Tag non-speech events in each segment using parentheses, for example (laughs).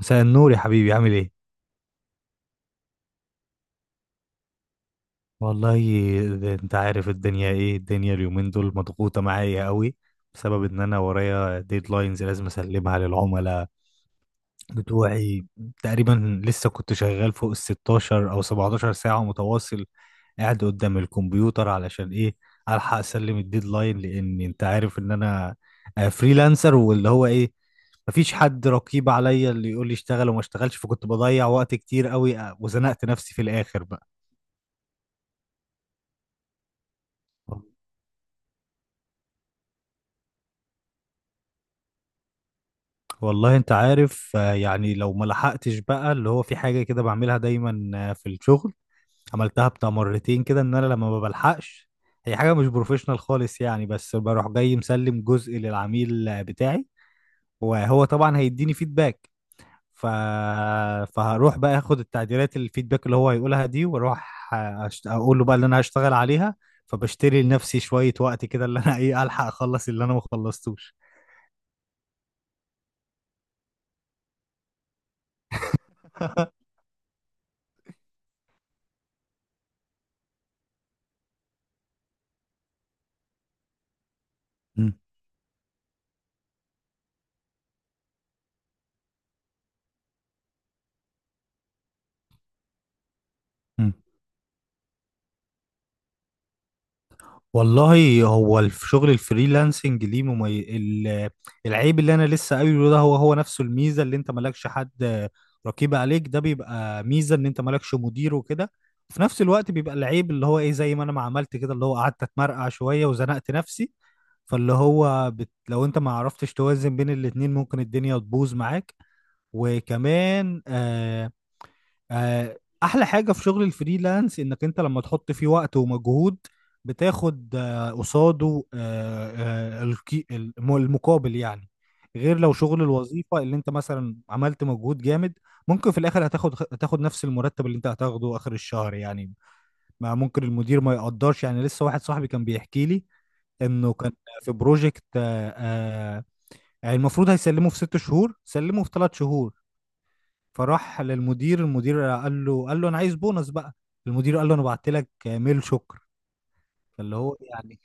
مساء النور يا حبيبي، عامل ايه؟ والله، ده انت عارف الدنيا ايه، الدنيا اليومين دول مضغوطة معايا قوي بسبب ان انا ورايا ديدلاينز لازم اسلمها للعملاء بتوعي. تقريبا لسه كنت شغال فوق ال 16 او 17 ساعة متواصل قاعد قدام الكمبيوتر علشان ايه؟ الحق اسلم الديدلاين، لان انت عارف ان انا فريلانسر واللي هو ايه مفيش حد رقيب عليا اللي يقول لي اشتغل وما اشتغلش، فكنت بضيع وقت كتير قوي، وزنقت نفسي في الاخر بقى. والله انت عارف، يعني لو ما لحقتش بقى اللي هو في حاجة كده بعملها دايما في الشغل، عملتها بتاع مرتين كده ان انا لما ما بلحقش، هي حاجة مش بروفيشنال خالص يعني، بس بروح جاي مسلم جزء للعميل بتاعي وهو طبعا هيديني فيدباك. ف... فهروح بقى اخد التعديلات، الفيدباك اللي هو هيقولها دي، واروح اقول له بقى اللي انا هشتغل عليها، فبشتري لنفسي شوية وقت كده اللي انا ايه، الحق اخلص اللي انا ما خلصتوش. (laughs) مم. والله، هو شغل الفريلانسنج ليه العيب اللي انا لسه قايله ده هو نفسه الميزه، اللي انت مالكش حد رقيب عليك، ده بيبقى ميزه ان انت مالكش مدير وكده. وفي نفس الوقت بيبقى العيب اللي هو ايه زي ما انا ما عملت كده اللي هو قعدت اتمرقع شويه وزنقت نفسي. فاللي هو لو انت ما عرفتش توازن بين الاتنين ممكن الدنيا تبوظ معاك. وكمان احلى حاجه في شغل الفريلانس انك انت لما تحط فيه وقت ومجهود بتاخد قصاده المقابل يعني، غير لو شغل الوظيفه اللي انت مثلا عملت مجهود جامد ممكن في الاخر هتاخد نفس المرتب اللي انت هتاخده اخر الشهر يعني، ما ممكن المدير ما يقدرش. يعني لسه واحد صاحبي كان بيحكي لي انه كان في بروجكت، آه، يعني المفروض هيسلمه في 6 شهور، سلمه في 3 شهور. فراح للمدير، المدير قال له، انا عايز بونص بقى. المدير قال له انا بعت لك ميل شكر. فاللي هو يعني...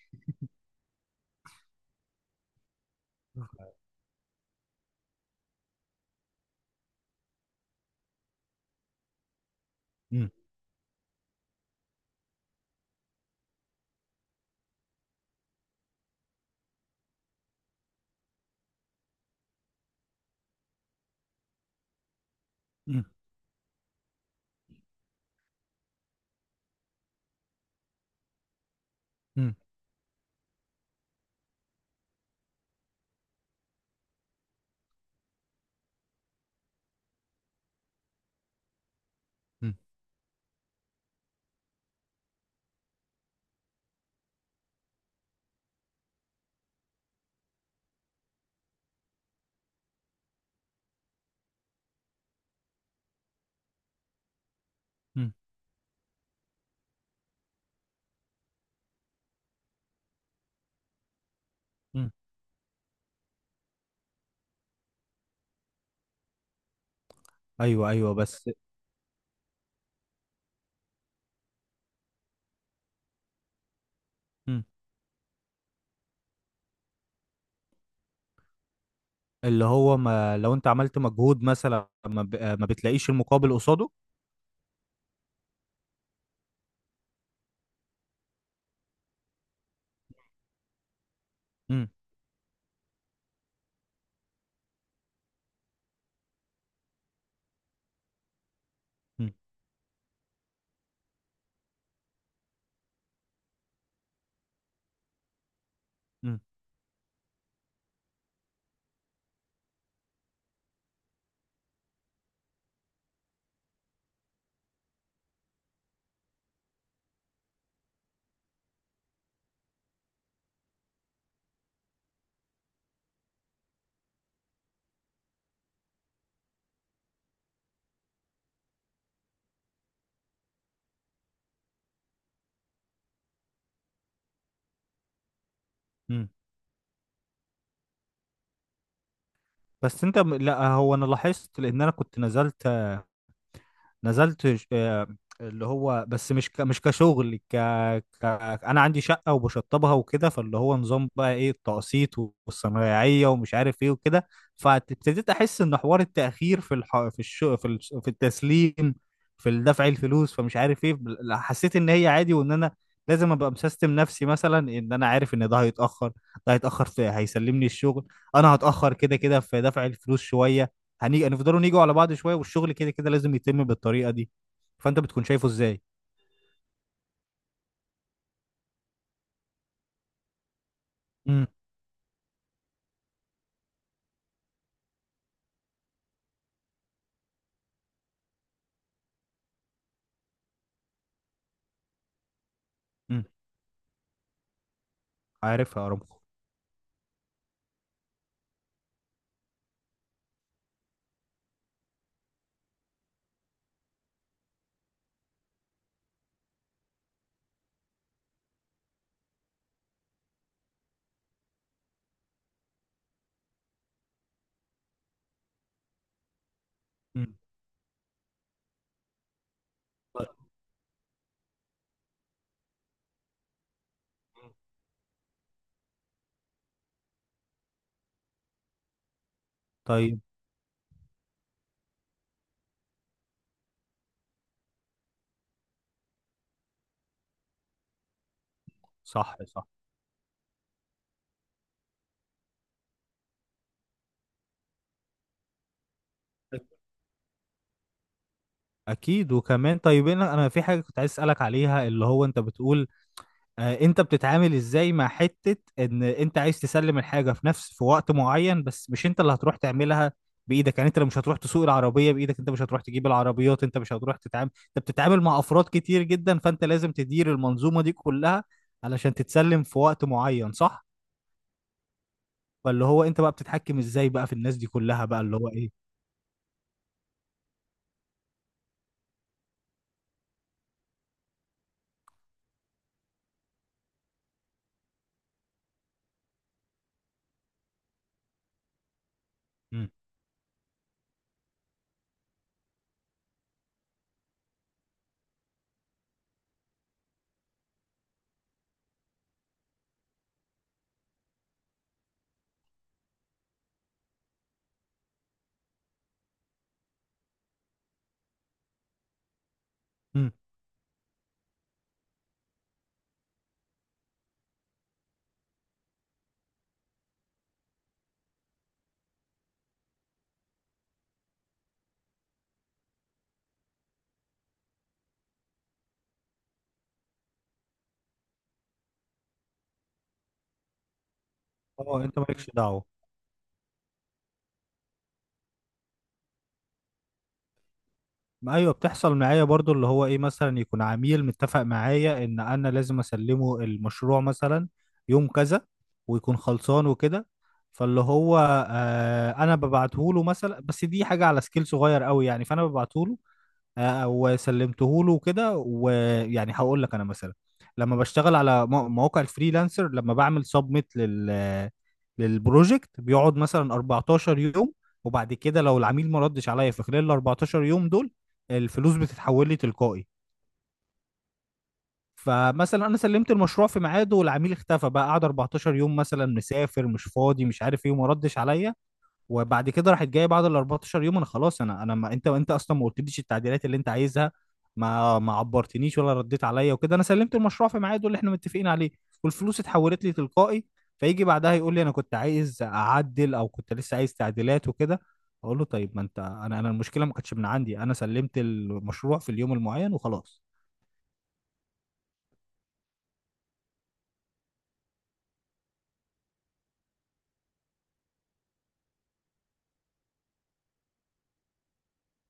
مم. مم. مم. مم. مم. مم. ايوه، ايوه، بس. مم. اللي هو ما لو انت عملت مجهود مثلا ما, ما بتلاقيش المقابل قصاده. مم. مم. مم. مم. بس انت لا، هو انا لاحظت لان انا كنت نزلت اللي هو بس مش مش كشغل ك... انا عندي شقه وبشطبها وكده، فاللي هو نظام بقى ايه التقسيط والصنايعيه ومش عارف ايه وكده. فابتديت احس ان حوار التاخير في في في في التسليم، في دفع الفلوس فمش عارف ايه، حسيت ان هي عادي وان انا لازم ابقى مسيستم نفسي مثلا ان انا عارف ان ده هيتاخر ده هيتاخر في هيسلمني الشغل، انا هتاخر كده كده في دفع الفلوس شويه، هنيجي هنفضلوا نيجوا على بعض شويه، والشغل كده كده لازم يتم بالطريقه دي. فانت بتكون شايفه ازاي؟ امم. امم. عارفها ارامكو. امم. طيب. صح، صح. اكيد وكمان. طيب، انا في حاجه كنت عايز اسالك عليها، اللي هو انت بتقول انت بتتعامل ازاي مع حتة ان انت عايز تسلم الحاجة في نفس، في وقت معين، بس مش انت اللي هتروح تعملها بايدك يعني، انت اللي مش هتروح تسوق العربية بايدك، انت مش هتروح تجيب العربيات، انت مش هتروح تتعامل، انت بتتعامل مع افراد كتير جدا، فانت لازم تدير المنظومة دي كلها علشان تتسلم في وقت معين، صح؟ فاللي هو انت بقى بتتحكم ازاي بقى في الناس دي كلها بقى اللي هو ايه؟ مم. مم. اه، انت مالكش دعوة. ما ايوه، بتحصل معايا برضو اللي هو ايه، مثلا يكون عميل متفق معايا ان انا لازم اسلمه المشروع مثلا يوم كذا، ويكون خلصان وكده، فاللي هو آه انا ببعته له مثلا، بس دي حاجه على سكيل صغير قوي يعني، فانا ببعته له وسلمته له وكده. ويعني هقول لك انا مثلا لما بشتغل على مواقع الفريلانسر، لما بعمل سبميت للبروجكت بيقعد مثلا 14 يوم، وبعد كده لو العميل ما ردش عليا في خلال ال 14 يوم دول، الفلوس بتتحول لي تلقائي. فمثلا انا سلمت المشروع في ميعاده والعميل اختفى بقى، قعد 14 يوم مثلا، مسافر، مش فاضي، مش عارف ايه، وما ردش عليا. وبعد كده راحت جايه بعد ال 14 يوم، انا خلاص، انا ما انت اصلا ما قلتليش التعديلات اللي انت عايزها، ما عبرتنيش ولا رديت عليا وكده، انا سلمت المشروع في ميعاده اللي احنا متفقين عليه، والفلوس اتحولت لي تلقائي. فيجي بعدها يقول لي انا كنت عايز اعدل او كنت لسه عايز تعديلات وكده، اقول له طيب، ما انت، انا المشكله ما كانتش من عندي، انا سلمت المشروع في اليوم المعين وخلاص.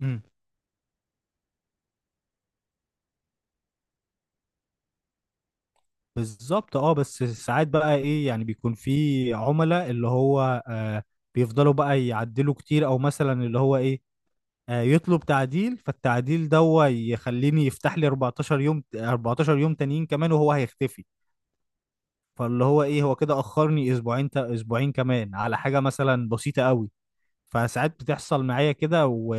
امم. بالظبط، اه، بس ساعات بقى ايه، يعني بيكون في عملاء اللي هو آه بيفضلوا بقى يعدلوا كتير، او مثلا اللي هو ايه يطلب تعديل، فالتعديل ده هو يخليني يفتح لي 14 يوم، 14 يوم تانيين كمان، وهو هيختفي، فاللي هو ايه هو كده اخرني اسبوعين، اسبوعين كمان على حاجه مثلا بسيطه قوي، فساعات بتحصل معايا كده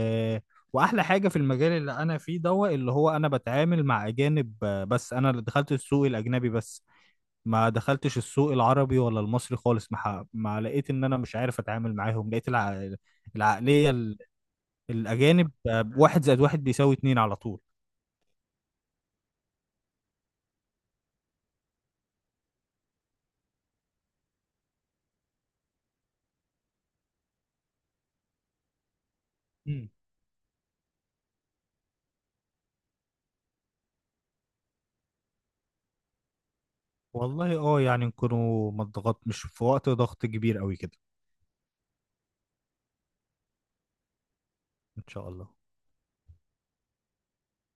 واحلى حاجه في المجال اللي انا فيه دوت اللي هو انا بتعامل مع اجانب بس. انا اللي دخلت السوق الاجنبي بس ما دخلتش السوق العربي ولا المصري خالص، ما, ما لقيت ان انا مش عارف اتعامل معاهم، لقيت العقليه الأجانب واحد زائد واحد بيساوي اتنين على طول. مم. والله اه، يعني نكونوا ما اتضغط، مش في وقت ضغط كبير قوي كده. إن شاء الله.